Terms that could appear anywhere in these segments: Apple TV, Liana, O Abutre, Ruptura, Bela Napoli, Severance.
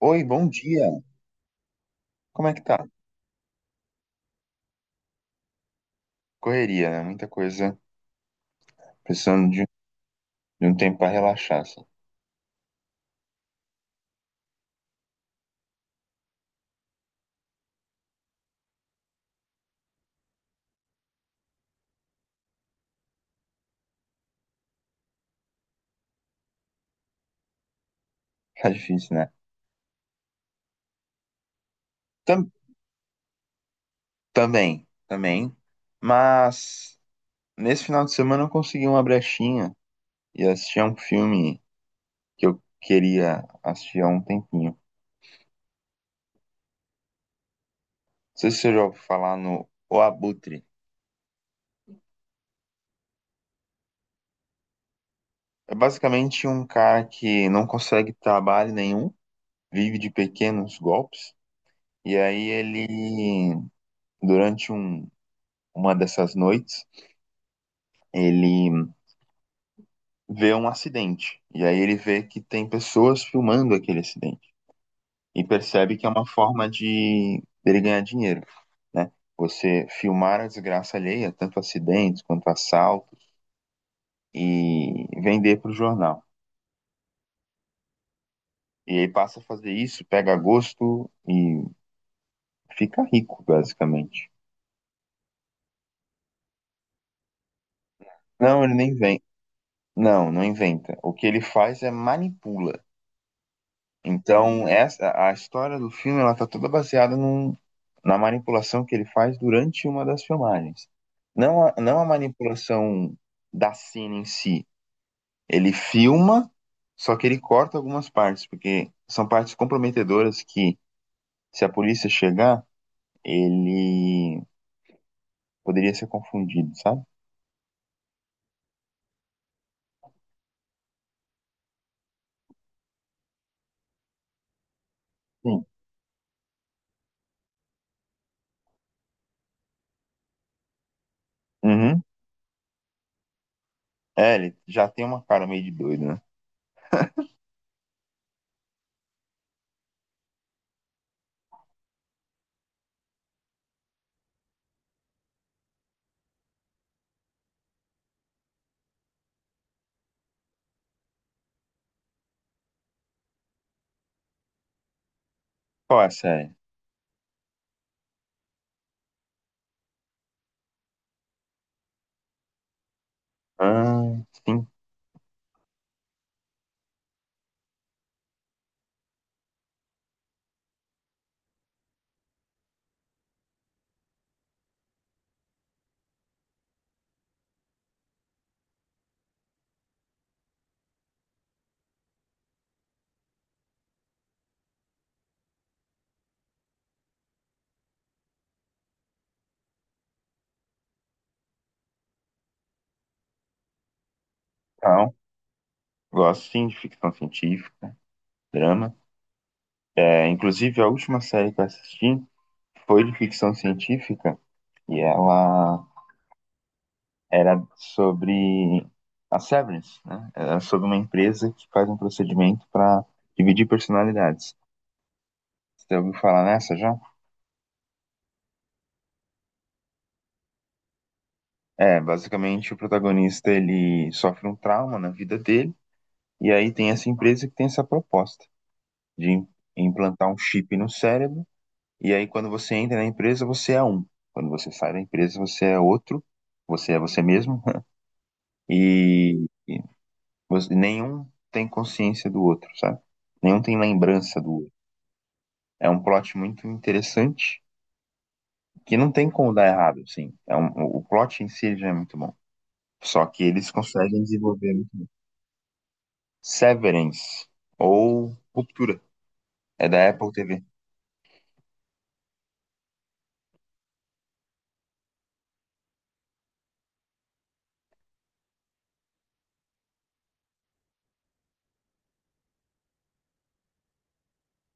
Oi, bom dia. Como é que tá? Correria, né? Muita coisa. Precisando de um tempo pra relaxar, assim. Tá difícil, né? Tam- também, também. Mas nesse final de semana eu consegui uma brechinha e assisti a um filme que eu queria assistir há um tempinho. Não sei se você já ouviu falar no O Abutre. É basicamente um cara que não consegue trabalho nenhum, vive de pequenos golpes. E aí ele, durante uma dessas noites, ele vê um acidente. E aí ele vê que tem pessoas filmando aquele acidente. E percebe que é uma forma de ele ganhar dinheiro, né? Você filmar a desgraça alheia, tanto acidentes quanto assaltos, e vender para o jornal. E aí passa a fazer isso, pega gosto e fica rico, basicamente. Não, ele nem inventa. Não, não inventa. O que ele faz é manipula. Então, essa a história do filme ela tá toda baseada na manipulação que ele faz durante uma das filmagens. Não a manipulação da cena em si. Ele filma, só que ele corta algumas partes, porque são partes comprometedoras que, se a polícia chegar, ele poderia ser confundido, sabe? Sim. Uhum. É, ele já tem uma cara meio de doido, né? Qual é a série? Ah, sim, então, gosto sim de ficção científica, drama. É, inclusive, a última série que eu assisti foi de ficção científica e ela era sobre a Severance, né? Era sobre uma empresa que faz um procedimento para dividir personalidades. Você ouviu falar nessa já? É, basicamente o protagonista ele sofre um trauma na vida dele e aí tem essa empresa que tem essa proposta de implantar um chip no cérebro e aí quando você entra na empresa você é um, quando você sai da empresa você é outro, você é você mesmo. E e nenhum tem consciência do outro, sabe? Nenhum tem lembrança do outro. É um plot muito interessante que não tem como dar errado, assim. O plot em si ele já é muito bom. Só que eles conseguem desenvolver muito. Severance ou Ruptura. É da Apple TV.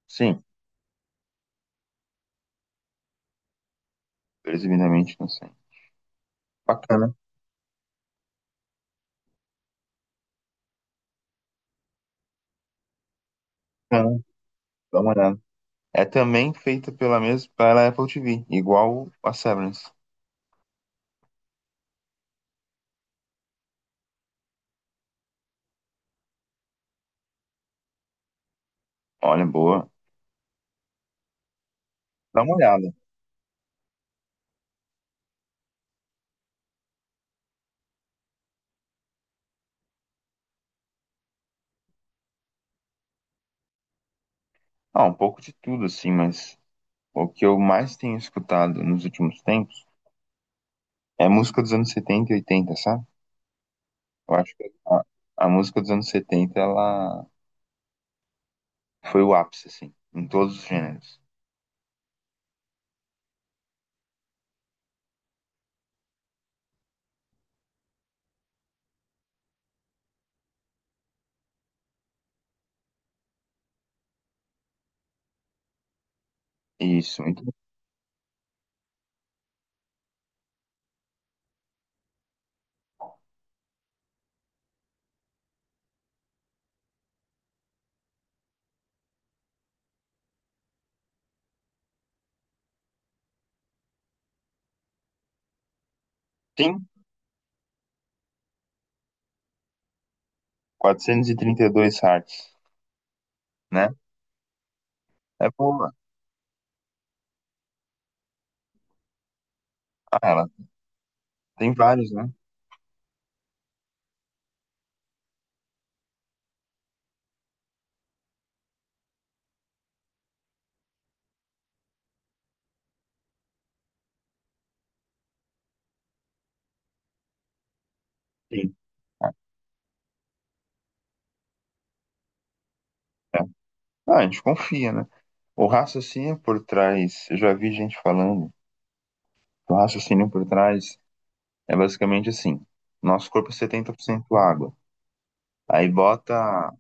Sim, presumidamente não sei. Bacana, bacana, dá uma olhada. É também feita pela mesma, pela Apple TV, igual a Severance. Olha, boa. Dá uma olhada. Ah, um pouco de tudo, assim, mas o que eu mais tenho escutado nos últimos tempos é música dos anos 70 e 80, sabe? Eu acho que a música dos anos 70 ela foi o ápice, assim, em todos os gêneros. Isso. Então, sim, 432 Hz, né? É boa. Ah, ela tem vários, né? Sim. É. Ah, a gente confia, né? O raciocínio por trás, eu já vi gente falando, o raciocínio por trás é basicamente assim, nosso corpo é 70% água. Aí bota,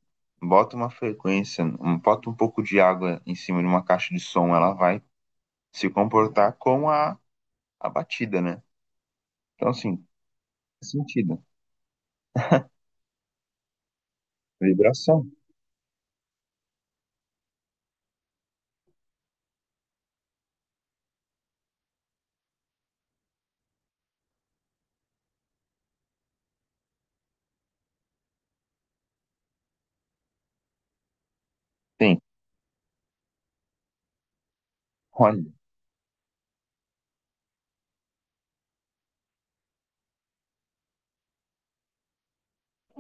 bota uma frequência, bota um pouco de água em cima de uma caixa de som, ela vai se comportar com a batida, né? Então, assim, faz sentido. Vibração. Tem. Olha,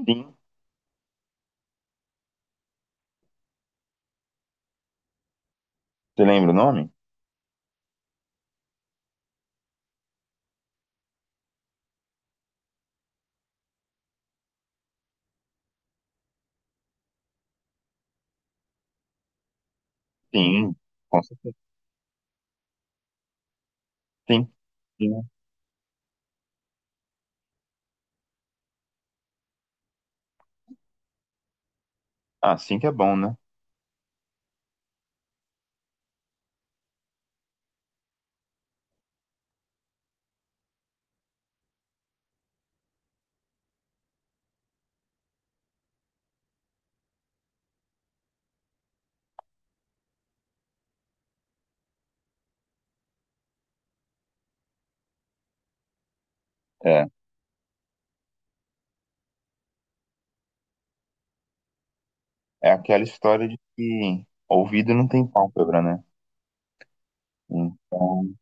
tem. Você lembra o nome? Tem. Com certeza. Tem. Tem. Ah, sim que é bom, né? É. É aquela história de que ouvido não tem pálpebra, né? Então,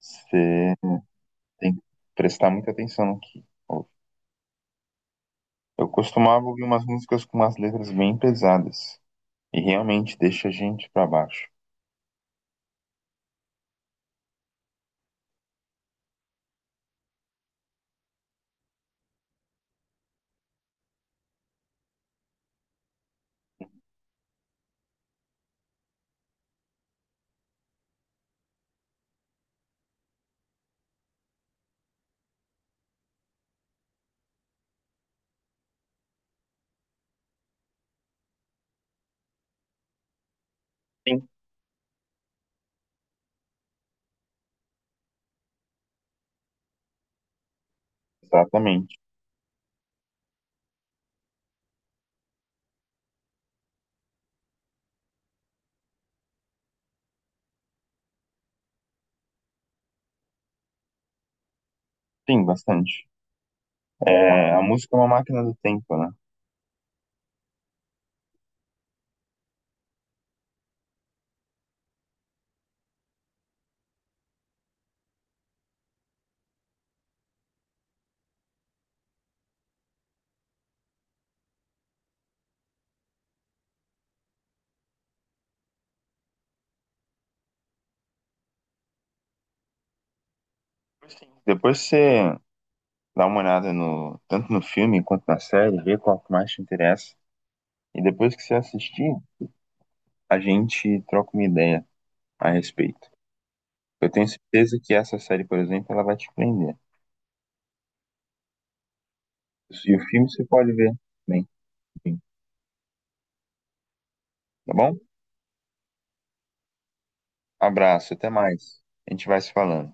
você tem que prestar muita atenção no que ouve. Eu costumava ouvir umas músicas com umas letras bem pesadas. E realmente deixa a gente pra baixo. Sim. Exatamente. Sim, bastante. É, a música é uma máquina do tempo, né? Sim. Depois você dá uma olhada no, tanto no filme quanto na série, vê qual que mais te interessa. E depois que você assistir, a gente troca uma ideia a respeito. Eu tenho certeza que essa série, por exemplo, ela vai te prender. E o filme você pode ver também. Enfim. Tá bom? Abraço, até mais. A gente vai se falando.